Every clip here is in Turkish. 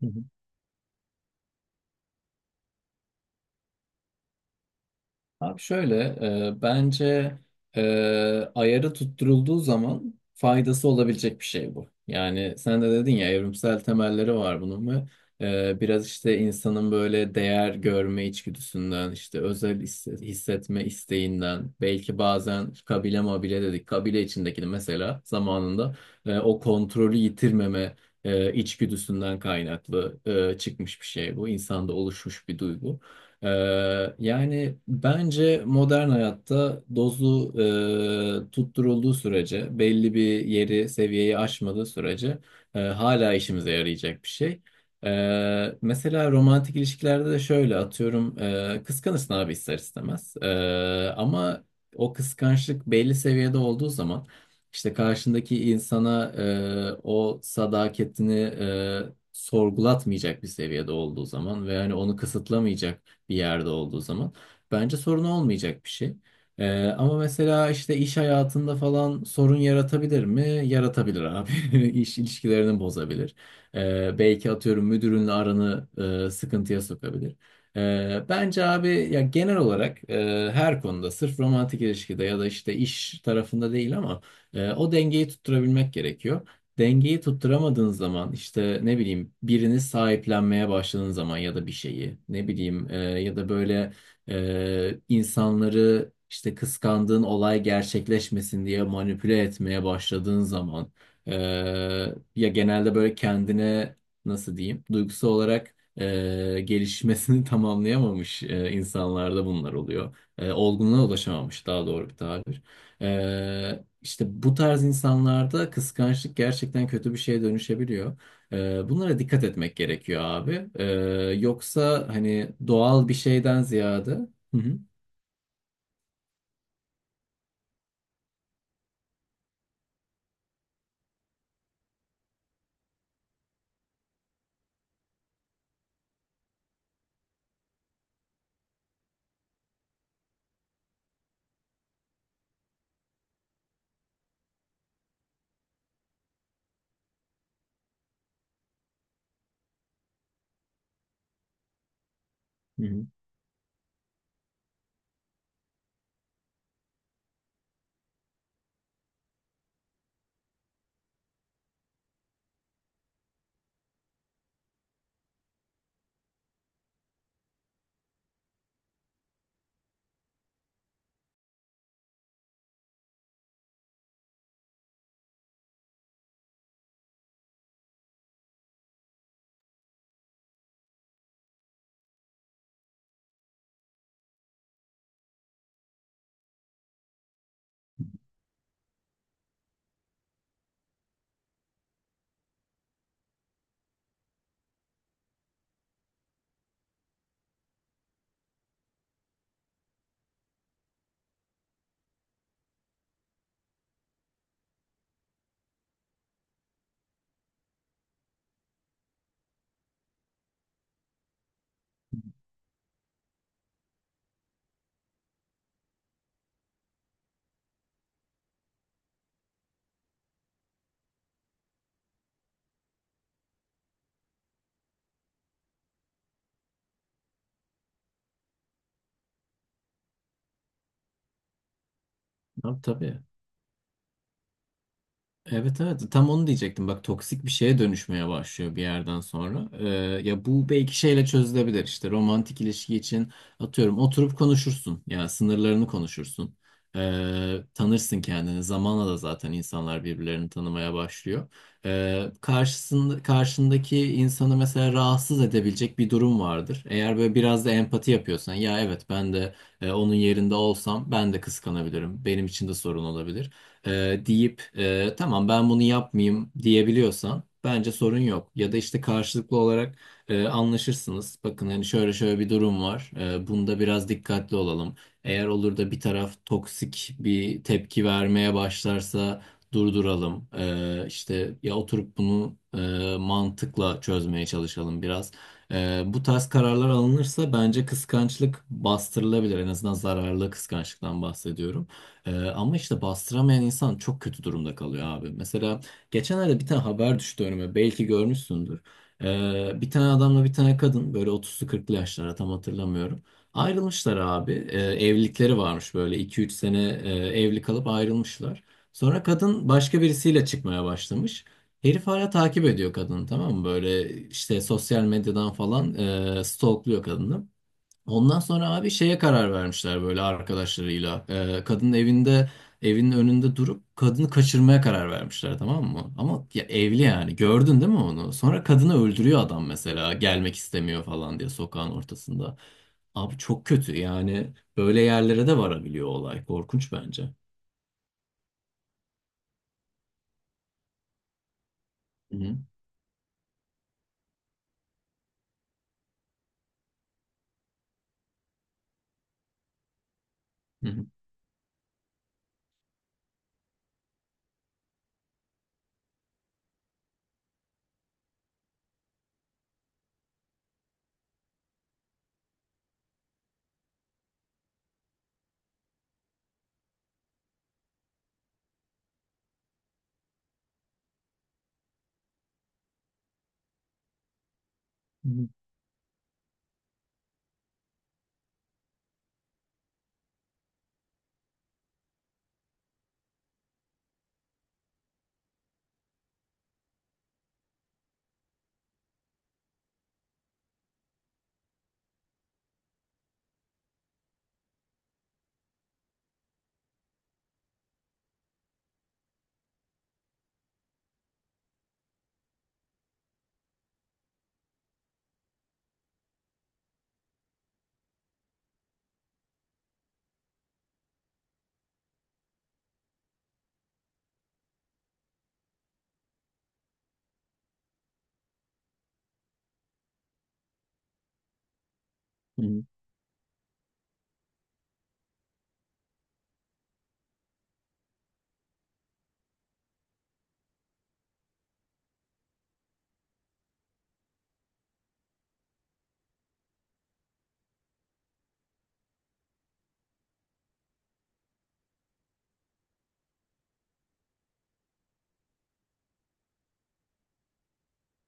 Hı hı. Abi şöyle bence e, ayarı tutturulduğu zaman faydası olabilecek bir şey bu. Yani sen de dedin ya evrimsel temelleri var bunun ve biraz işte insanın böyle değer görme içgüdüsünden işte özel hissetme isteğinden belki bazen kabile mabile dedik kabile içindekini mesela zamanında o kontrolü yitirmeme içgüdüsünden kaynaklı çıkmış bir şey bu insanda oluşmuş bir duygu. Yani bence modern hayatta dozu tutturulduğu sürece, belli bir yeri, seviyeyi aşmadığı sürece hala işimize yarayacak bir şey. Mesela romantik ilişkilerde de şöyle atıyorum, kıskanırsın abi ister istemez. Ama o kıskançlık belli seviyede olduğu zaman işte karşındaki insana o sadakatini sorgulatmayacak bir seviyede olduğu zaman ve hani onu kısıtlamayacak bir yerde olduğu zaman bence sorun olmayacak bir şey. Ama mesela işte iş hayatında falan sorun yaratabilir mi? Yaratabilir abi. İş ilişkilerini bozabilir. Belki atıyorum müdürünle aranı sıkıntıya sokabilir. Bence abi ya genel olarak her konuda sırf romantik ilişkide ya da işte iş tarafında değil ama o dengeyi tutturabilmek gerekiyor, dengeyi tutturamadığın zaman işte ne bileyim birini sahiplenmeye başladığın zaman ya da bir şeyi ne bileyim ya da böyle insanları işte kıskandığın olay gerçekleşmesin diye manipüle etmeye başladığın zaman e, ya genelde böyle kendine nasıl diyeyim duygusal olarak gelişmesini tamamlayamamış insanlarda bunlar oluyor. Olgunluğa ulaşamamış daha doğru bir tabir. İşte bu tarz insanlarda kıskançlık gerçekten kötü bir şeye dönüşebiliyor. Bunlara dikkat etmek gerekiyor abi. Yoksa hani doğal bir şeyden ziyade... Hı hı. Hı hı. Tabii, tabii. Evet, evet, tam onu diyecektim bak, toksik bir şeye dönüşmeye başlıyor bir yerden sonra. Ya bu belki şeyle çözülebilir, işte romantik ilişki için atıyorum oturup konuşursun, ya sınırlarını konuşursun. Tanırsın kendini zamanla da, zaten insanlar birbirlerini tanımaya başlıyor, karşındaki insanı mesela rahatsız edebilecek bir durum vardır, eğer böyle biraz da empati yapıyorsan, ya evet ben de onun yerinde olsam ben de kıskanabilirim, benim için de sorun olabilir deyip tamam ben bunu yapmayayım diyebiliyorsan bence sorun yok. Ya da işte karşılıklı olarak anlaşırsınız. Bakın hani şöyle şöyle bir durum var. Bunda biraz dikkatli olalım. Eğer olur da bir taraf toksik bir tepki vermeye başlarsa durduralım. İşte ya oturup bunu mantıkla çözmeye çalışalım biraz. Bu tarz kararlar alınırsa bence kıskançlık bastırılabilir. En azından zararlı kıskançlıktan bahsediyorum. Ama işte bastıramayan insan çok kötü durumda kalıyor abi. Mesela geçenlerde bir tane haber düştü önüme. Belki görmüşsündür. Bir tane adamla bir tane kadın, böyle 30'lu 40'lı yaşlara, tam hatırlamıyorum. Ayrılmışlar abi. Evlilikleri varmış, böyle 2-3 sene evli kalıp ayrılmışlar. Sonra kadın başka birisiyle çıkmaya başlamış. Herif hala takip ediyor kadını, tamam mı? Böyle işte sosyal medyadan falan stalkluyor kadını. Ondan sonra abi şeye karar vermişler böyle arkadaşlarıyla. Kadının evinin önünde durup kadını kaçırmaya karar vermişler, tamam mı? Ama ya evli, yani gördün değil mi onu? Sonra kadını öldürüyor adam, mesela gelmek istemiyor falan diye, sokağın ortasında. Abi çok kötü, yani böyle yerlere de varabiliyor olay, korkunç bence. Hı hı. Hı hı. Hı hı.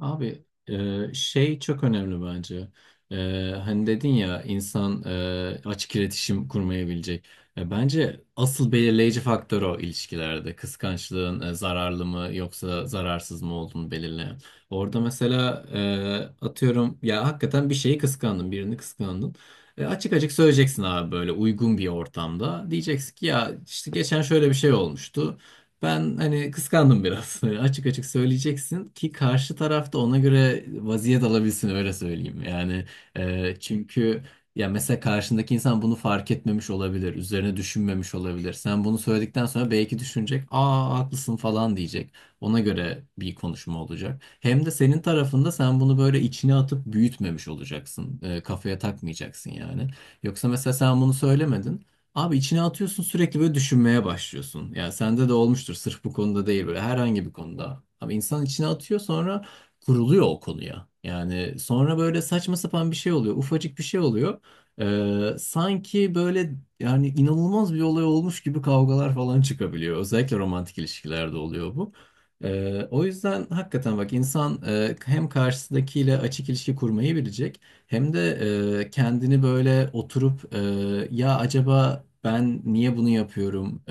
Abi şey çok önemli bence. E, Hani dedin ya insan açık iletişim kurmayabilecek. Bence asıl belirleyici faktör o ilişkilerde. Kıskançlığın zararlı mı yoksa zararsız mı olduğunu belirleyen. Orada mesela atıyorum ya, hakikaten bir şeyi kıskandın, birini kıskandın. Açık açık söyleyeceksin abi böyle uygun bir ortamda. Diyeceksin ki ya işte geçen şöyle bir şey olmuştu. Ben hani kıskandım biraz. Hani açık açık söyleyeceksin ki karşı tarafta ona göre vaziyet alabilsin, öyle söyleyeyim. Yani çünkü ya mesela karşındaki insan bunu fark etmemiş olabilir, üzerine düşünmemiş olabilir. Sen bunu söyledikten sonra belki düşünecek, "Aa haklısın" falan diyecek. Ona göre bir konuşma olacak. Hem de senin tarafında sen bunu böyle içine atıp büyütmemiş olacaksın. Kafaya takmayacaksın yani. Yoksa mesela sen bunu söylemedin. Abi içine atıyorsun, sürekli böyle düşünmeye başlıyorsun. Yani sende de olmuştur sırf bu konuda değil, böyle herhangi bir konuda. Abi insan içine atıyor, sonra kuruluyor o konuya. Yani sonra böyle saçma sapan bir şey oluyor. Ufacık bir şey oluyor. Sanki böyle yani inanılmaz bir olay olmuş gibi kavgalar falan çıkabiliyor. Özellikle romantik ilişkilerde oluyor bu. O yüzden hakikaten bak, insan hem karşısındakiyle açık ilişki kurmayı bilecek. Hem de kendini böyle oturup ya acaba ben niye bunu yapıyorum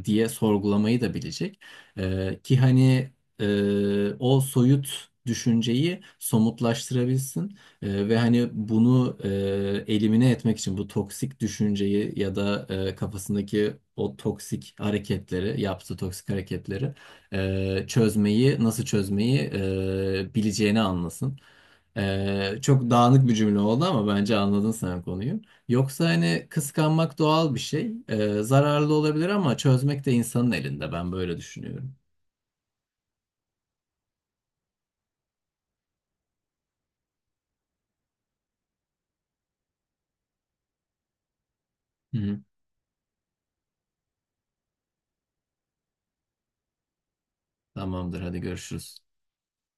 diye sorgulamayı da bilecek. Ki hani o soyut düşünceyi somutlaştırabilsin. Ve hani bunu elimine etmek için bu toksik düşünceyi ya da kafasındaki o toksik hareketleri, yaptığı toksik hareketleri nasıl çözmeyi bileceğini anlasın. Çok dağınık bir cümle oldu ama bence anladın sen konuyu. Yoksa hani kıskanmak doğal bir şey. Zararlı olabilir ama çözmek de insanın elinde. Ben böyle düşünüyorum. Hı hı. Tamamdır, hadi görüşürüz.